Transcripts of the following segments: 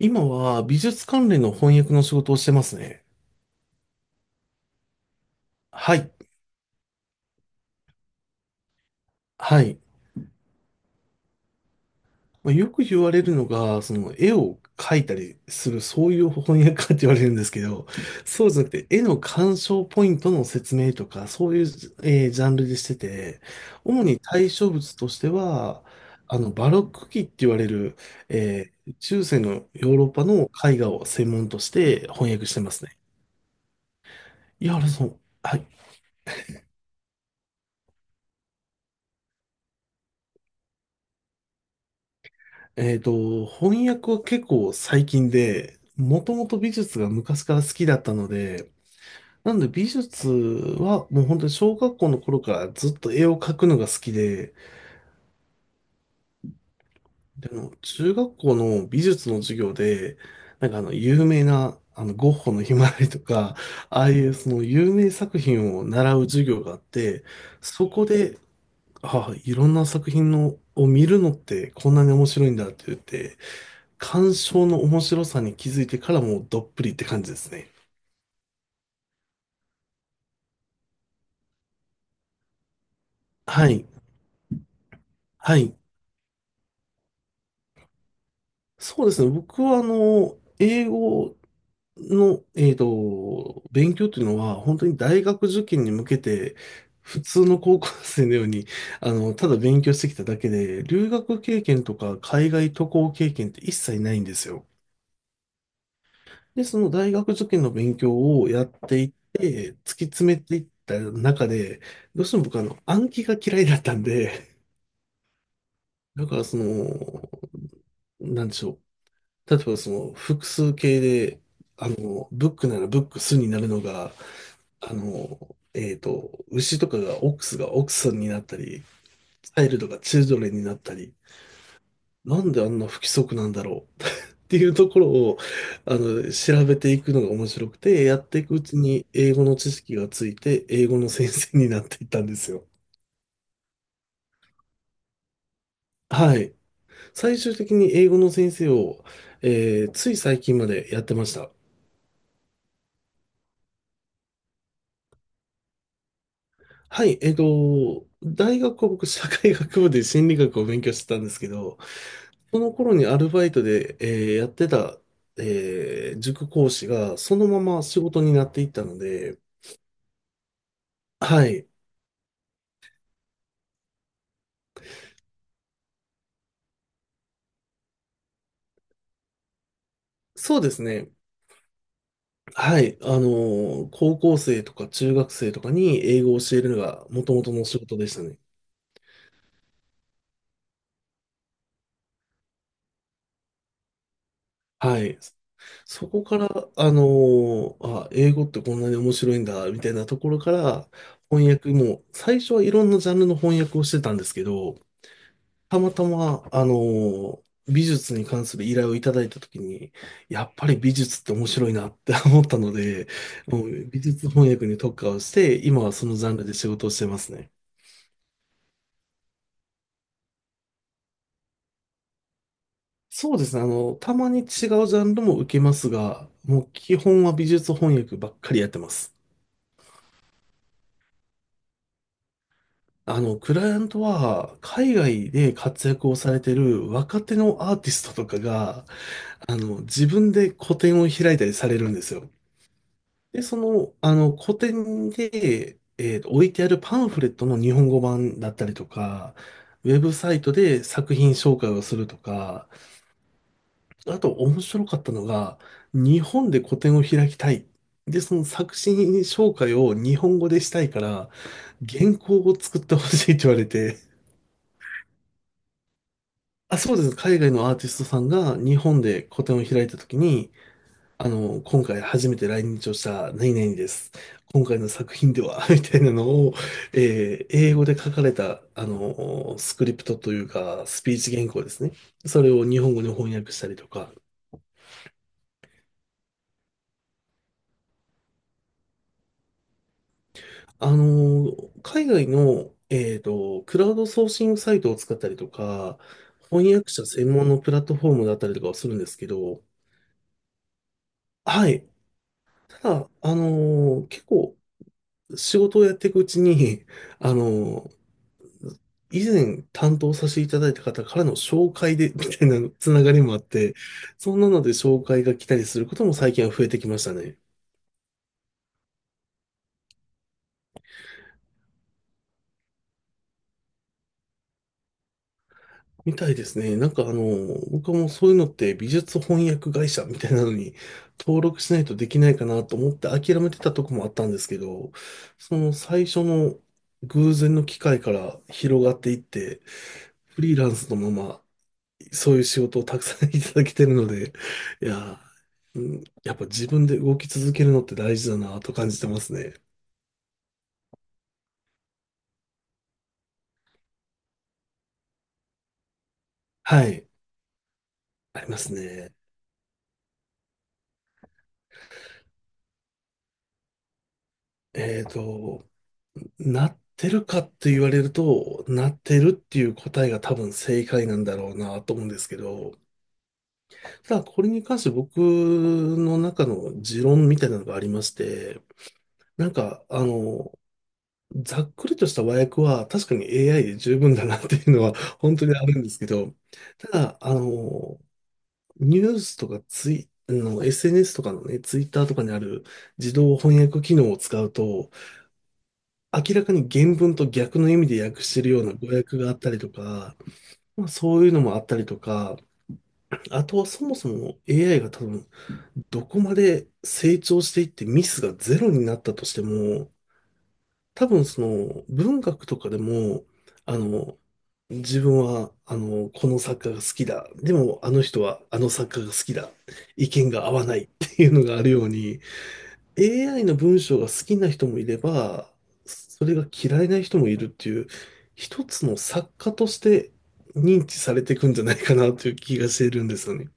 今は美術関連の翻訳の仕事をしてますね。はい。はい。まあ、よく言われるのが、その絵を描いたりする、そういう翻訳家って言われるんですけど、そうじゃなくて、絵の鑑賞ポイントの説明とか、そういう、ジャンルでしてて、主に対象物としては、バロック期って言われる、中世のヨーロッパの絵画を専門として翻訳してますね。いや、あれそう。はい。翻訳は結構最近で、もともと美術が昔から好きだったので、なので美術はもう本当に小学校の頃からずっと絵を描くのが好きで、で中学校の美術の授業で、有名なゴッホのひまわりとか、ああいうその有名作品を習う授業があって、そこで、ああ、いろんな作品のを見るのってこんなに面白いんだって言って、鑑賞の面白さに気づいてからもうどっぷりって感じですね。はい。はい。そうですね。僕は英語の、勉強というのは本当に大学受験に向けて普通の高校生のように、ただ勉強してきただけで、留学経験とか海外渡航経験って一切ないんですよ。で、その大学受験の勉強をやっていって、突き詰めていった中で、どうしても僕暗記が嫌いだったんで、だからその、なんでしょう。例えばその複数形で、ブックならブックスになるのが、あの、牛とかがオックスがオックスになったり、チャイルドがチルドレンになったり、なんであんな不規則なんだろう っていうところを、調べていくのが面白くて、やっていくうちに英語の知識がついて、英語の先生になっていったんですよ。はい。最終的に英語の先生を、つい最近までやってました。はい、大学は僕、社会学部で心理学を勉強してたんですけど、その頃にアルバイトで、やってた、塾講師が、そのまま仕事になっていったので、はい、そうですね。はい、高校生とか中学生とかに英語を教えるのが元々の仕事でしたね。はい。そこから、あのあ、英語ってこんなに面白いんだ、みたいなところから、翻訳も、最初はいろんなジャンルの翻訳をしてたんですけど、たまたま、美術に関する依頼をいただいたときに、やっぱり美術って面白いなって思ったので、もう美術翻訳に特化をして、今はそのジャンルで仕事をしてますね。そうですね。たまに違うジャンルも受けますが、もう基本は美術翻訳ばっかりやってます。クライアントは海外で活躍をされてる若手のアーティストとかが、自分で個展を開いたりされるんですよ。で、その、個展で、置いてあるパンフレットの日本語版だったりとか、ウェブサイトで作品紹介をするとか、あと面白かったのが、日本で個展を開きたい。で、その作品紹介を日本語でしたいから、原稿を作ってほしいって言われて、あ、そうです。海外のアーティストさんが日本で個展を開いたときに、今回初めて来日をした何々です。今回の作品では みたいなのを、英語で書かれた、スクリプトというか、スピーチ原稿ですね。それを日本語に翻訳したりとか、あの、海外の、クラウドソーシングサイトを使ったりとか、翻訳者専門のプラットフォームだったりとかをするんですけど、はい。ただ、結構仕事をやっていくうちに、あの、以前担当させていただいた方からの紹介で、みたいなつながりもあって、そんなので紹介が来たりすることも最近は増えてきましたね。みたいですね。僕はもうそういうのって美術翻訳会社みたいなのに登録しないとできないかなと思って諦めてたとこもあったんですけど、その最初の偶然の機会から広がっていって、フリーランスのままそういう仕事をたくさん いただけてるので、いやー、うん、やっぱ自分で動き続けるのって大事だなと感じてますね。はい、ありますね。えっと、なってるかって言われると、なってるっていう答えが多分正解なんだろうなと思うんですけど、ただこれに関して僕の中の持論みたいなのがありまして、なんか、あの、ざっくりとした和訳は確かに AI で十分だなっていうのは 本当にあるんですけど、ただ、ニュースとかツイ、あの、SNS とかのね、ツイッターとかにある自動翻訳機能を使うと、明らかに原文と逆の意味で訳してるような語訳があったりとか、まあ、そういうのもあったりとか、あとはそもそも AI が多分どこまで成長していってミスがゼロになったとしても、多分その文学とかでも、あの、自分は、この作家が好きだ。でも、あの人はあの作家が好きだ。意見が合わないっていうのがあるように、AI の文章が好きな人もいれば、それが嫌いな人もいるっていう、一つの作家として認知されていくんじゃないかなという気がしているんですよね。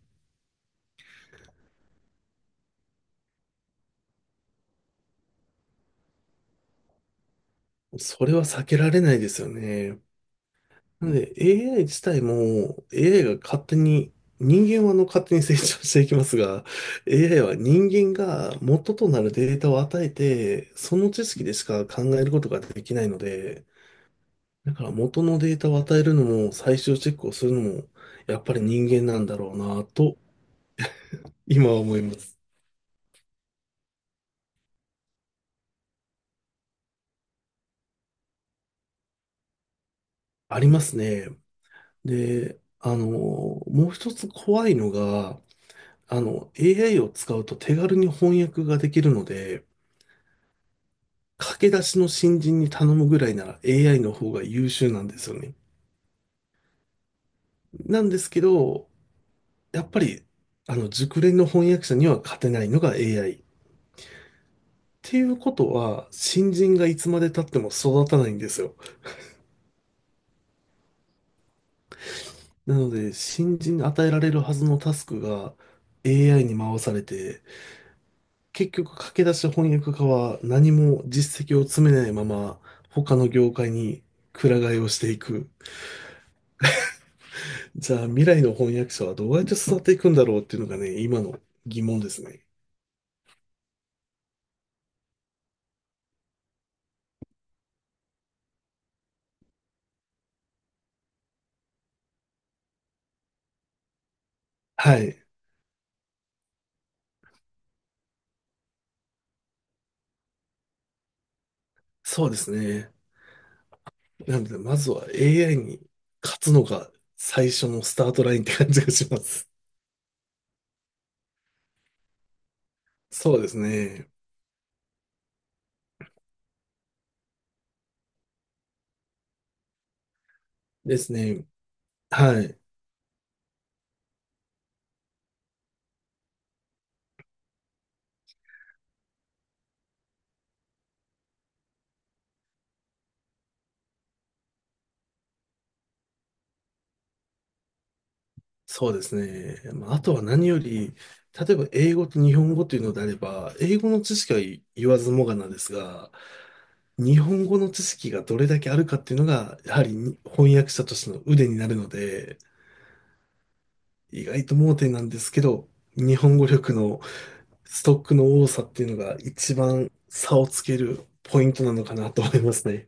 それは避けられないですよね。なので AI 自体も AI が勝手に、人間は勝手に成長していきますが、AI は人間が元となるデータを与えて、その知識でしか考えることができないので、だから元のデータを与えるのも最終チェックをするのも、やっぱり人間なんだろうなと、今は思います。ありますね。で、もう一つ怖いのが、AI を使うと手軽に翻訳ができるので、駆け出しの新人に頼むぐらいなら AI の方が優秀なんですよね。なんですけど、やっぱり、熟練の翻訳者には勝てないのが AI。っていうことは、新人がいつまで経っても育たないんですよ。なので、新人に与えられるはずのタスクが AI に回されて、結局駆け出し翻訳家は何も実績を積めないまま、他の業界にくら替えをしていく。じゃあ、未来の翻訳者はどうやって育っていくんだろうっていうのがね、今の疑問ですね。はい。そうですね。なので、まずは AI に勝つのが最初のスタートラインって感じがします。そうですね。ですね。はい。そうですね。まあ、あとは何より、例えば英語と日本語というのであれば、英語の知識は言わずもがなですが、日本語の知識がどれだけあるかっていうのが、やはりに翻訳者としての腕になるので、意外と盲点なんですけど、日本語力のストックの多さっていうのが一番差をつけるポイントなのかなと思いますね。